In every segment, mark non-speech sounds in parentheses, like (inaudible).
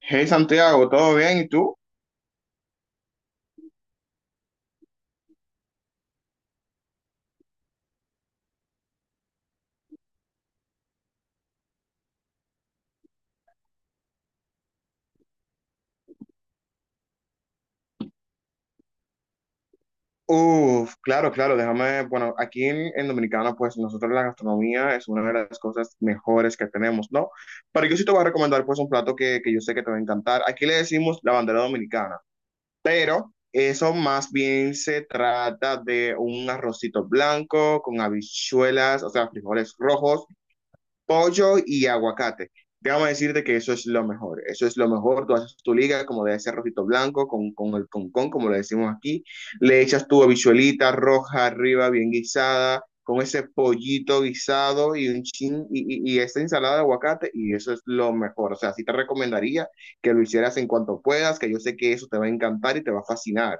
Hey Santiago, ¿todo bien? ¿Y tú? Uf, claro, claro, déjame, bueno, aquí en Dominicana, pues nosotros la gastronomía es una de las cosas mejores que tenemos, ¿no? Pero yo sí te voy a recomendar pues un plato que yo sé que te va a encantar. Aquí le decimos la bandera dominicana. Pero eso más bien se trata de un arrocito blanco con habichuelas, o sea, frijoles rojos, pollo y aguacate. Déjame decirte que eso es lo mejor, eso es lo mejor, tú haces tu liga como debe ser rojito blanco, con el concón, como le decimos aquí, le echas tu habichuelita roja arriba, bien guisada, con ese pollito guisado y un chin, y esta ensalada de aguacate, y eso es lo mejor, o sea, sí te recomendaría que lo hicieras en cuanto puedas, que yo sé que eso te va a encantar y te va a fascinar.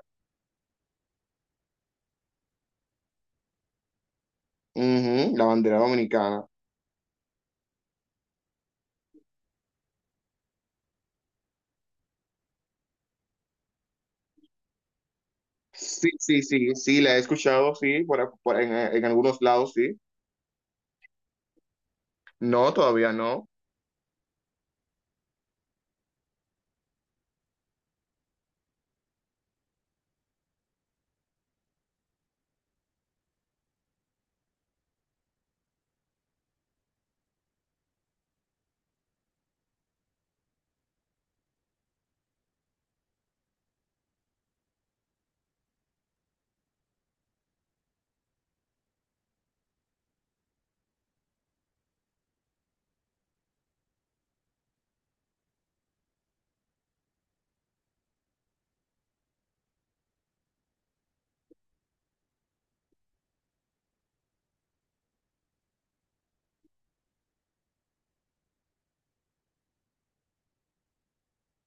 Ujú, la bandera dominicana. Sí, sí, sí, sí, la he escuchado, sí, en algunos lados, sí. No, todavía no.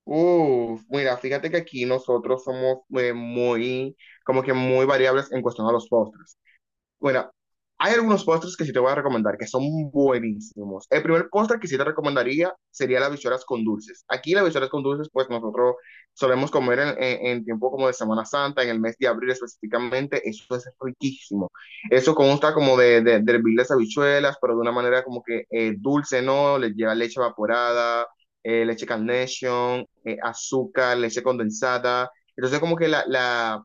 Uf, mira, fíjate que aquí nosotros somos muy, como que muy variables en cuestión a los postres. Bueno, hay algunos postres que sí te voy a recomendar que son buenísimos. El primer postre que sí te recomendaría sería las bichuelas con dulces. Aquí las bichuelas con dulces, pues nosotros solemos comer en tiempo como de Semana Santa, en el mes de abril específicamente. Eso es riquísimo. Eso consta como de hervir las habichuelas, pero de una manera como que dulce, ¿no? Le lleva leche evaporada, leche Carnation, azúcar, leche condensada. Entonces como que la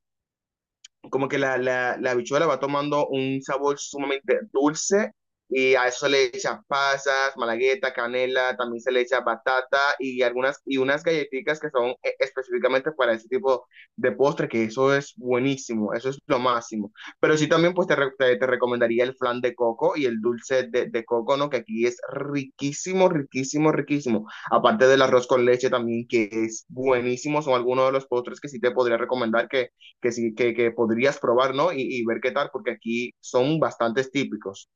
como que la habichuela va tomando un sabor sumamente dulce y a eso le echan pasas, malagueta, canela, también se le echa batata y algunas y unas galletitas que son específicamente para ese tipo de postre, que eso es buenísimo, eso es lo máximo. Pero sí también pues te recomendaría el flan de coco y el dulce de coco, ¿no? Que aquí es riquísimo, riquísimo, riquísimo. Aparte del arroz con leche también, que es buenísimo, son algunos de los postres que sí te podría recomendar que podrías probar, ¿no? Y ver qué tal, porque aquí son bastantes típicos.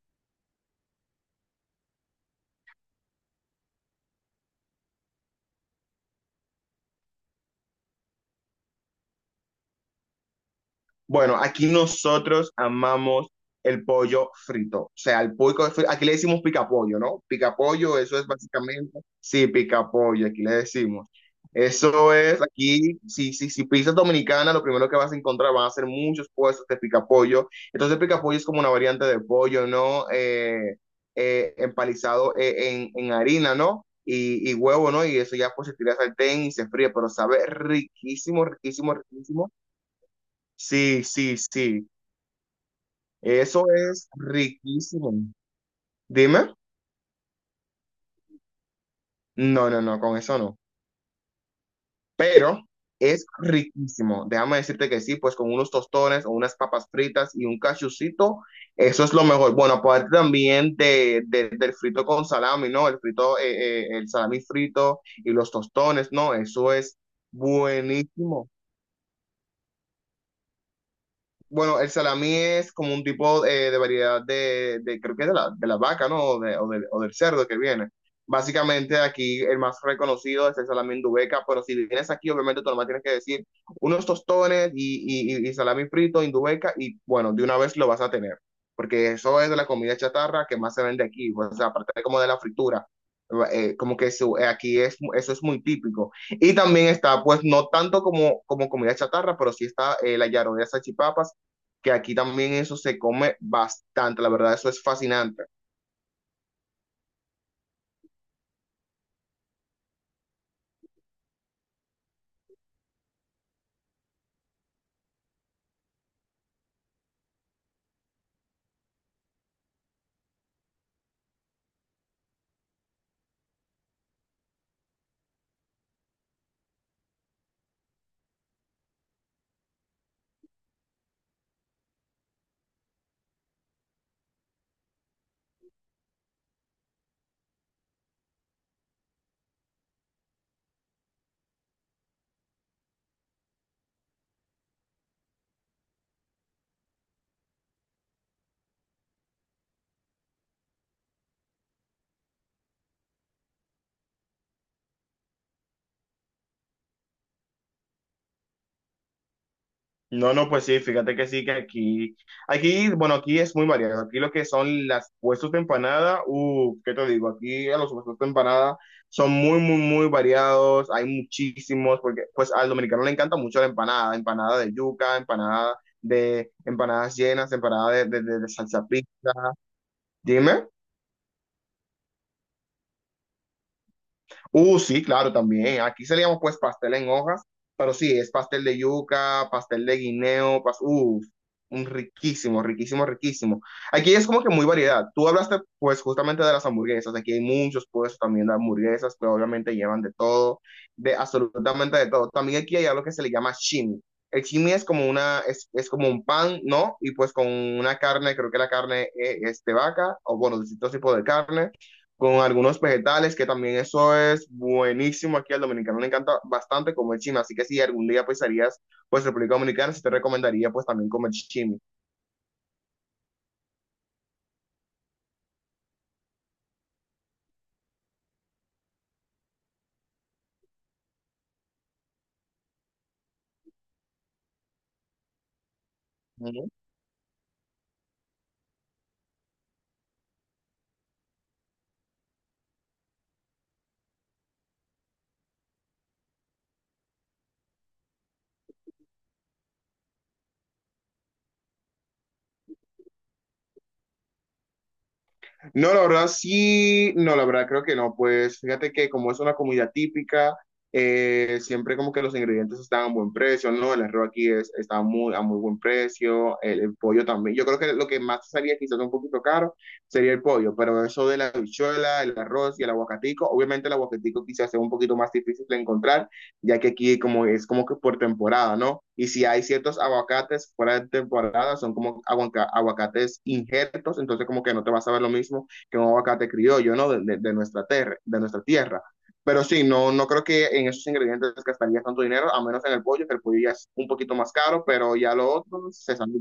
Bueno, aquí nosotros amamos el pollo frito. O sea, el pollo frito, aquí le decimos picapollo, ¿no? Picapollo, eso es básicamente, sí, picapollo, aquí le decimos. Eso es, aquí, si pizzas dominicana, lo primero que vas a encontrar van a ser muchos puestos de picapollo. Entonces, picapollo es como una variante de pollo, ¿no? Empalizado en harina, ¿no? Y huevo, ¿no? Y eso ya pues se tira al sartén y se fríe, pero sabe riquísimo, riquísimo, riquísimo. Sí, sí, sí. Eso es riquísimo. Dime. No, no, no, con eso no. Pero es riquísimo. Déjame decirte que sí, pues con unos tostones o unas papas fritas y un cachucito, eso es lo mejor. Bueno, aparte también del frito con salami, ¿no? El frito, el salami frito y los tostones, ¿no? Eso es buenísimo. Bueno, el salami es como un tipo de variedad creo que es de la vaca, ¿no? O del cerdo que viene. Básicamente aquí el más reconocido es el salami indubeca, pero si vienes aquí, obviamente tú nomás tienes que decir unos tostones y salami frito, indubeca, y bueno, de una vez lo vas a tener, porque eso es de la comida chatarra que más se vende aquí, o sea, aparte como de la fritura. Aquí es, eso es muy típico. Y también está, pues, no tanto como comida chatarra, pero sí está la yaroa de salchipapas que aquí también eso se come bastante, la verdad, eso es fascinante. No, no, pues sí, fíjate que sí, bueno, aquí es muy variado. Aquí lo que son las puestos de empanada, ¿qué te digo? Aquí a los puestos de empanada son muy, muy, muy variados, hay muchísimos, porque pues al dominicano le encanta mucho la empanada, empanada de yuca, empanada de empanadas llenas, empanada de salsa pizza. Dime. Sí, claro, también. Aquí se le llama pues pastel en hojas, pero sí, es pastel de yuca, pastel de guineo, pas un riquísimo, riquísimo, riquísimo. Aquí es como que muy variedad. Tú hablaste pues justamente de las hamburguesas. Aquí hay muchos puestos también de hamburguesas que obviamente llevan de todo, de absolutamente de todo. También aquí hay algo que se le llama chimi. El chimi es como una, es como un pan, ¿no? Y pues con una carne, creo que la carne es de vaca, o bueno, distintos tipos de carne con algunos vegetales, que también eso es buenísimo aquí al dominicano, le encanta bastante comer chimi, así que si algún día pues harías, pues República Dominicana, sí te recomendaría pues también comer chimi. No, la verdad sí, no, la verdad creo que no, pues fíjate que como es una comida típica, siempre como que los ingredientes están a buen precio, ¿no? El arroz aquí es, está muy, a muy buen precio, el pollo también. Yo creo que lo que más salía quizás un poquito caro sería el pollo, pero eso de la habichuela, el arroz y el aguacatico, obviamente el aguacatico quizás sea un poquito más difícil de encontrar, ya que aquí como es como que por temporada, ¿no? Y si hay ciertos aguacates fuera de temporada, son como aguaca- aguacates injertos, entonces como que no te vas a ver lo mismo que un aguacate criollo, ¿no? De nuestra, tierra, de nuestra tierra. Pero sí, no, no creo que en esos ingredientes gastaría tanto dinero, a menos en el pollo, que el pollo ya es un poquito más caro, pero ya lo otro ¿no? se sale.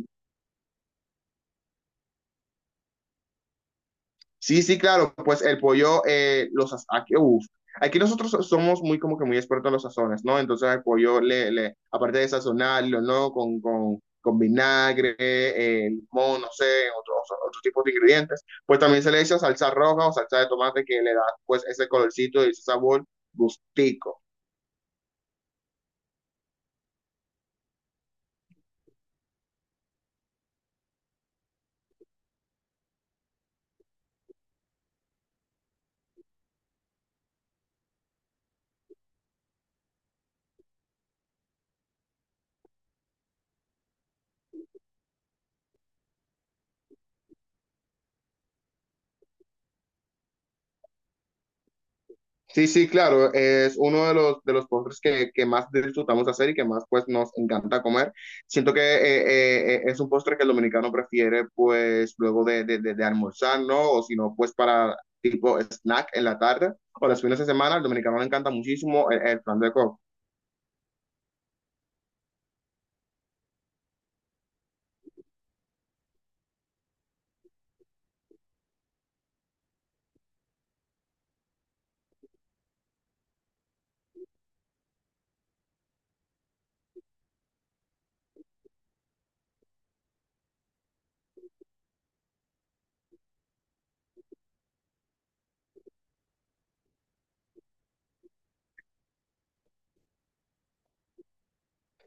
Sí, sí, claro, pues el pollo, aquí, uf, aquí nosotros so-, somos muy como que muy expertos en los sazones, ¿no? Entonces el pollo, aparte de sazonarlo, ¿no? Con vinagre, limón, no sé, otros otros tipos de ingredientes, pues también se le echa salsa roja o salsa de tomate que le da pues ese colorcito y ese sabor gustico. Sí, sí, claro, es uno de los postres que más disfrutamos hacer y que más pues nos encanta comer. Siento que es un postre que el dominicano prefiere pues luego de almorzar, ¿no? O si no, pues para tipo snack en la tarde o los fines de semana, al dominicano le encanta muchísimo el flan de coco.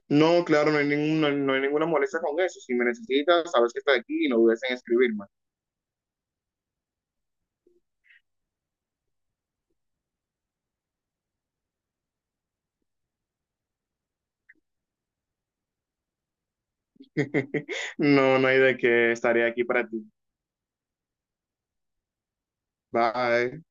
No, claro, no hay, ningún- no hay- no hay ninguna molestia con eso. Si me necesitas, sabes que estoy aquí y no dudes en escribirme. (laughs) No, no hay de qué, estaré aquí para ti. Bye.